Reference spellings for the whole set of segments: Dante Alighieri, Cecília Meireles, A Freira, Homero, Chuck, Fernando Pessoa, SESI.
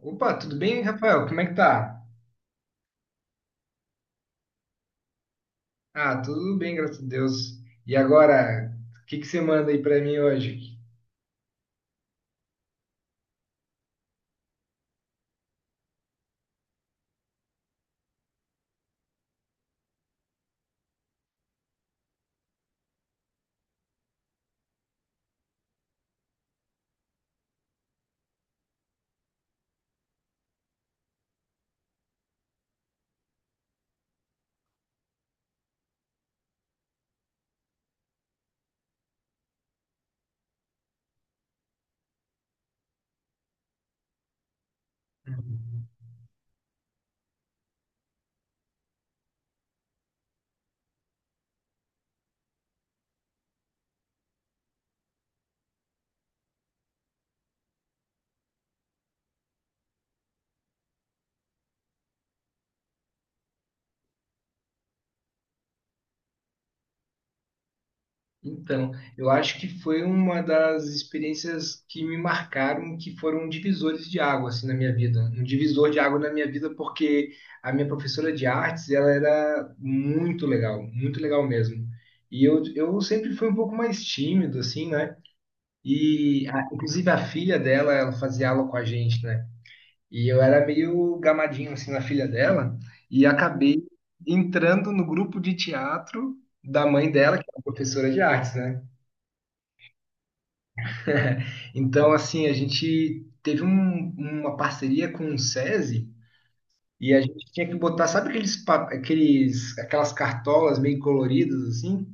Opa, tudo bem, Rafael? Como é que tá? Ah, tudo bem, graças a Deus. E agora, o que que você manda aí pra mim hoje? Uhum. Então, eu acho que foi uma das experiências que me marcaram, que foram divisores de água assim na minha vida. Um divisor de água na minha vida porque a minha professora de artes, ela era muito legal mesmo. E eu sempre fui um pouco mais tímido assim, né? E inclusive a filha dela, ela fazia aula com a gente, né? E eu era meio gamadinho assim na filha dela e acabei entrando no grupo de teatro da mãe dela, que é uma professora de artes, né? Então, assim, a gente teve uma parceria com o SESI e a gente tinha que botar, sabe aqueles, aquelas cartolas meio coloridas assim?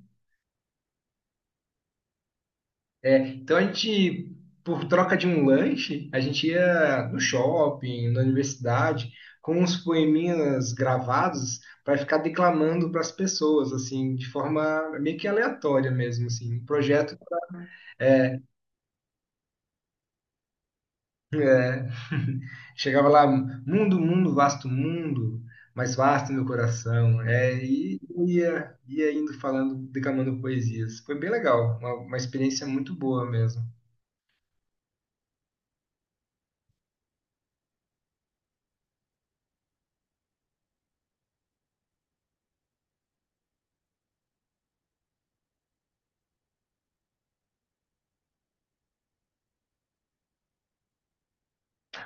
Então a gente, por troca de um lanche, a gente ia no shopping, na universidade, com uns poeminhas gravados para ficar declamando para as pessoas, assim, de forma meio que aleatória mesmo, assim, um projeto. é, Chegava lá, mundo, mundo, vasto mundo, mais vasto meu coração. É, e ia indo falando, declamando poesias. Foi bem legal, uma experiência muito boa mesmo.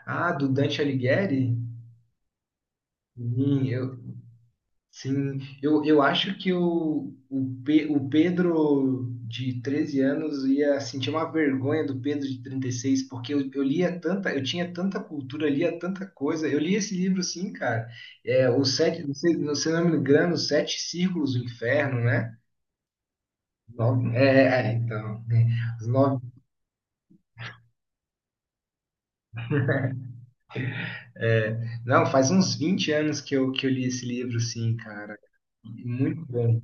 Ah, do Dante Alighieri? Sim, eu, Sim, eu acho que o Pedro de 13 anos ia sentir uma vergonha do Pedro de 36, porque eu lia tanta, eu tinha tanta cultura, lia tanta coisa. Eu li esse livro, sim, cara. É, o sete, não sei o nome do grano, Os Sete Círculos do Inferno, né? Nove, então, né? Os nove, é, não, faz uns 20 anos que eu li esse livro, sim, cara. Muito bom.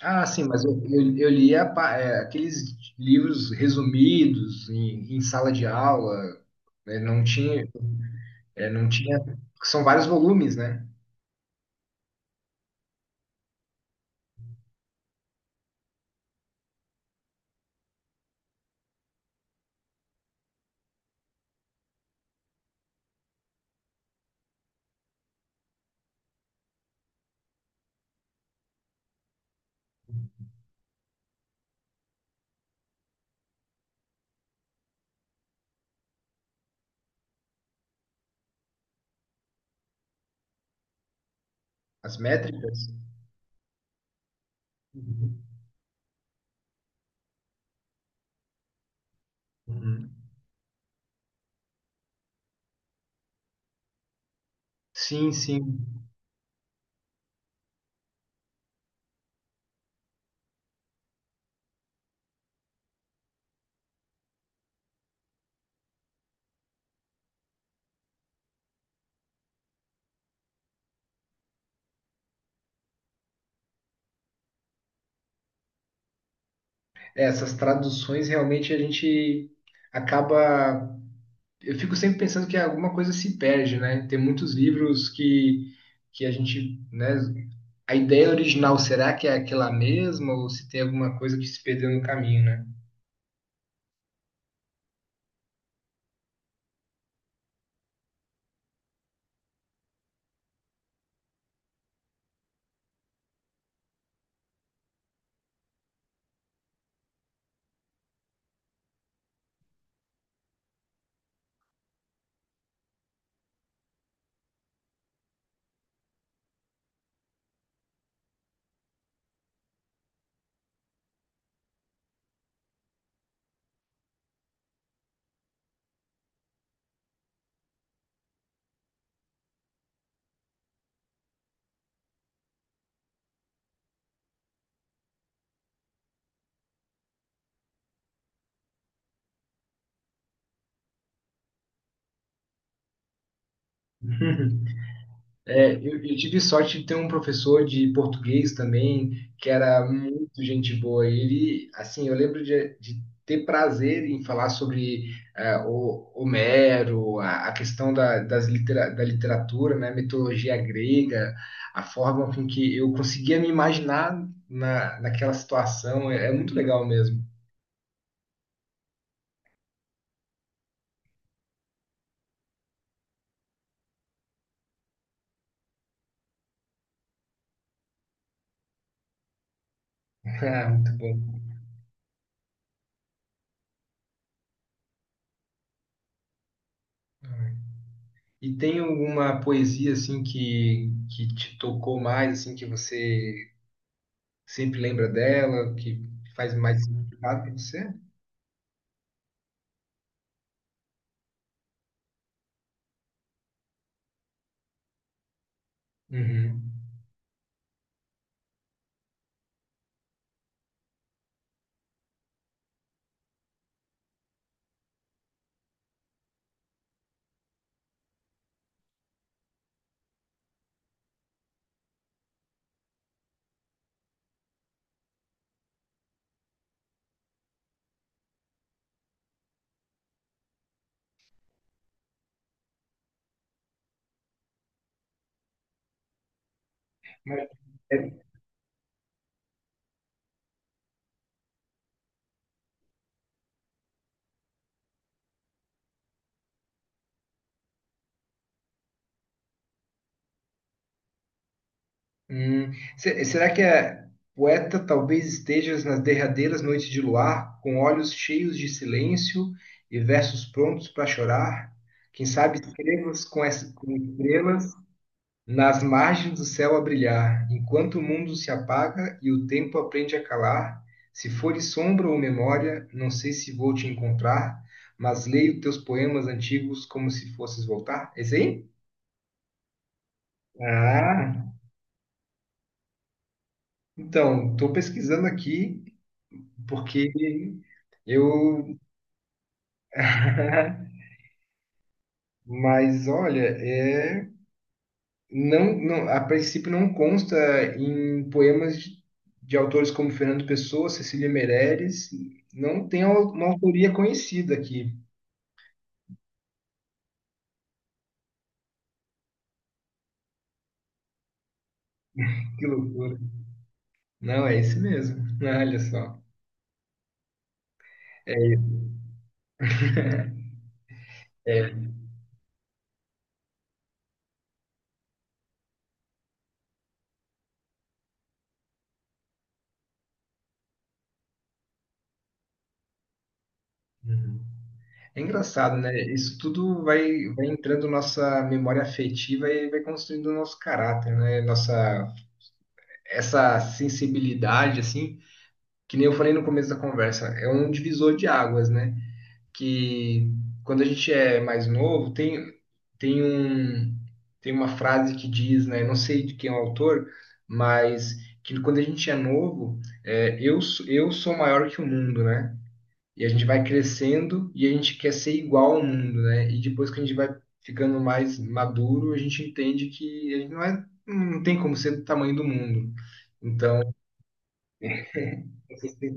Ah, sim, mas eu li aqueles livros resumidos em sala de aula, né? Não tinha, não tinha, porque são vários volumes, né? As métricas. Uhum. Uhum. Sim, sim. É, essas traduções realmente a gente acaba. Eu fico sempre pensando que alguma coisa se perde, né? Tem muitos livros que a gente, né? A ideia original, será que é aquela mesma ou se tem alguma coisa que se perdeu no caminho, né? É, eu tive sorte de ter um professor de português também, que era muito gente boa. Ele, assim, eu lembro de ter prazer em falar sobre o Homero, a questão da literatura, né, mitologia grega, a forma com que eu conseguia me imaginar naquela situação. É muito legal mesmo. Ah, muito bom. E tem alguma poesia assim que te tocou mais, assim, que você sempre lembra dela, que faz mais significado para você? Uhum. Mas, é, hum, será que é: poeta, talvez estejas nas derradeiras noites de luar, com olhos cheios de silêncio e versos prontos para chorar? Quem sabe escrevas com, essa, com estrelas nas margens do céu a brilhar, enquanto o mundo se apaga e o tempo aprende a calar, se fores sombra ou memória, não sei se vou te encontrar, mas leio teus poemas antigos como se fosses voltar. Esse aí? Ah, então, estou pesquisando aqui porque eu. Mas olha, é. Não, não, a princípio não consta em poemas de autores como Fernando Pessoa, Cecília Meirelles, não tem uma autoria conhecida aqui. Que loucura. Não, é esse mesmo. Olha só. É. Uhum. É engraçado, né? Isso tudo vai entrando nossa memória afetiva e vai construindo o nosso caráter, né? Nossa, essa sensibilidade, assim, que nem eu falei no começo da conversa, é um divisor de águas, né? Que quando a gente é mais novo, tem, tem um, tem uma frase que diz, né? Não sei de quem é o autor, mas que quando a gente é novo, eu sou maior que o mundo, né? E a gente vai crescendo e a gente quer ser igual ao mundo, né? E depois que a gente vai ficando mais maduro, a gente entende que a gente não é, não tem como ser do tamanho do mundo. Então, vocês têm-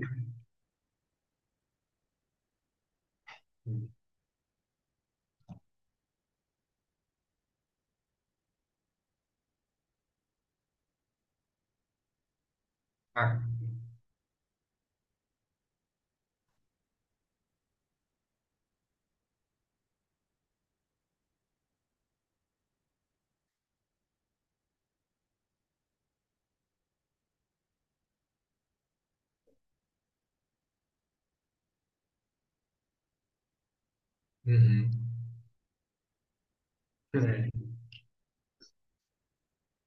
ah, uhum. É,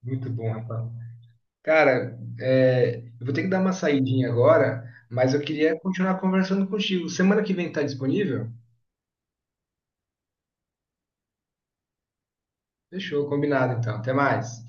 muito bom, rapaz. Cara, eu vou ter que dar uma saidinha agora, mas eu queria continuar conversando contigo. Semana que vem tá disponível? Fechou, combinado então. Até mais.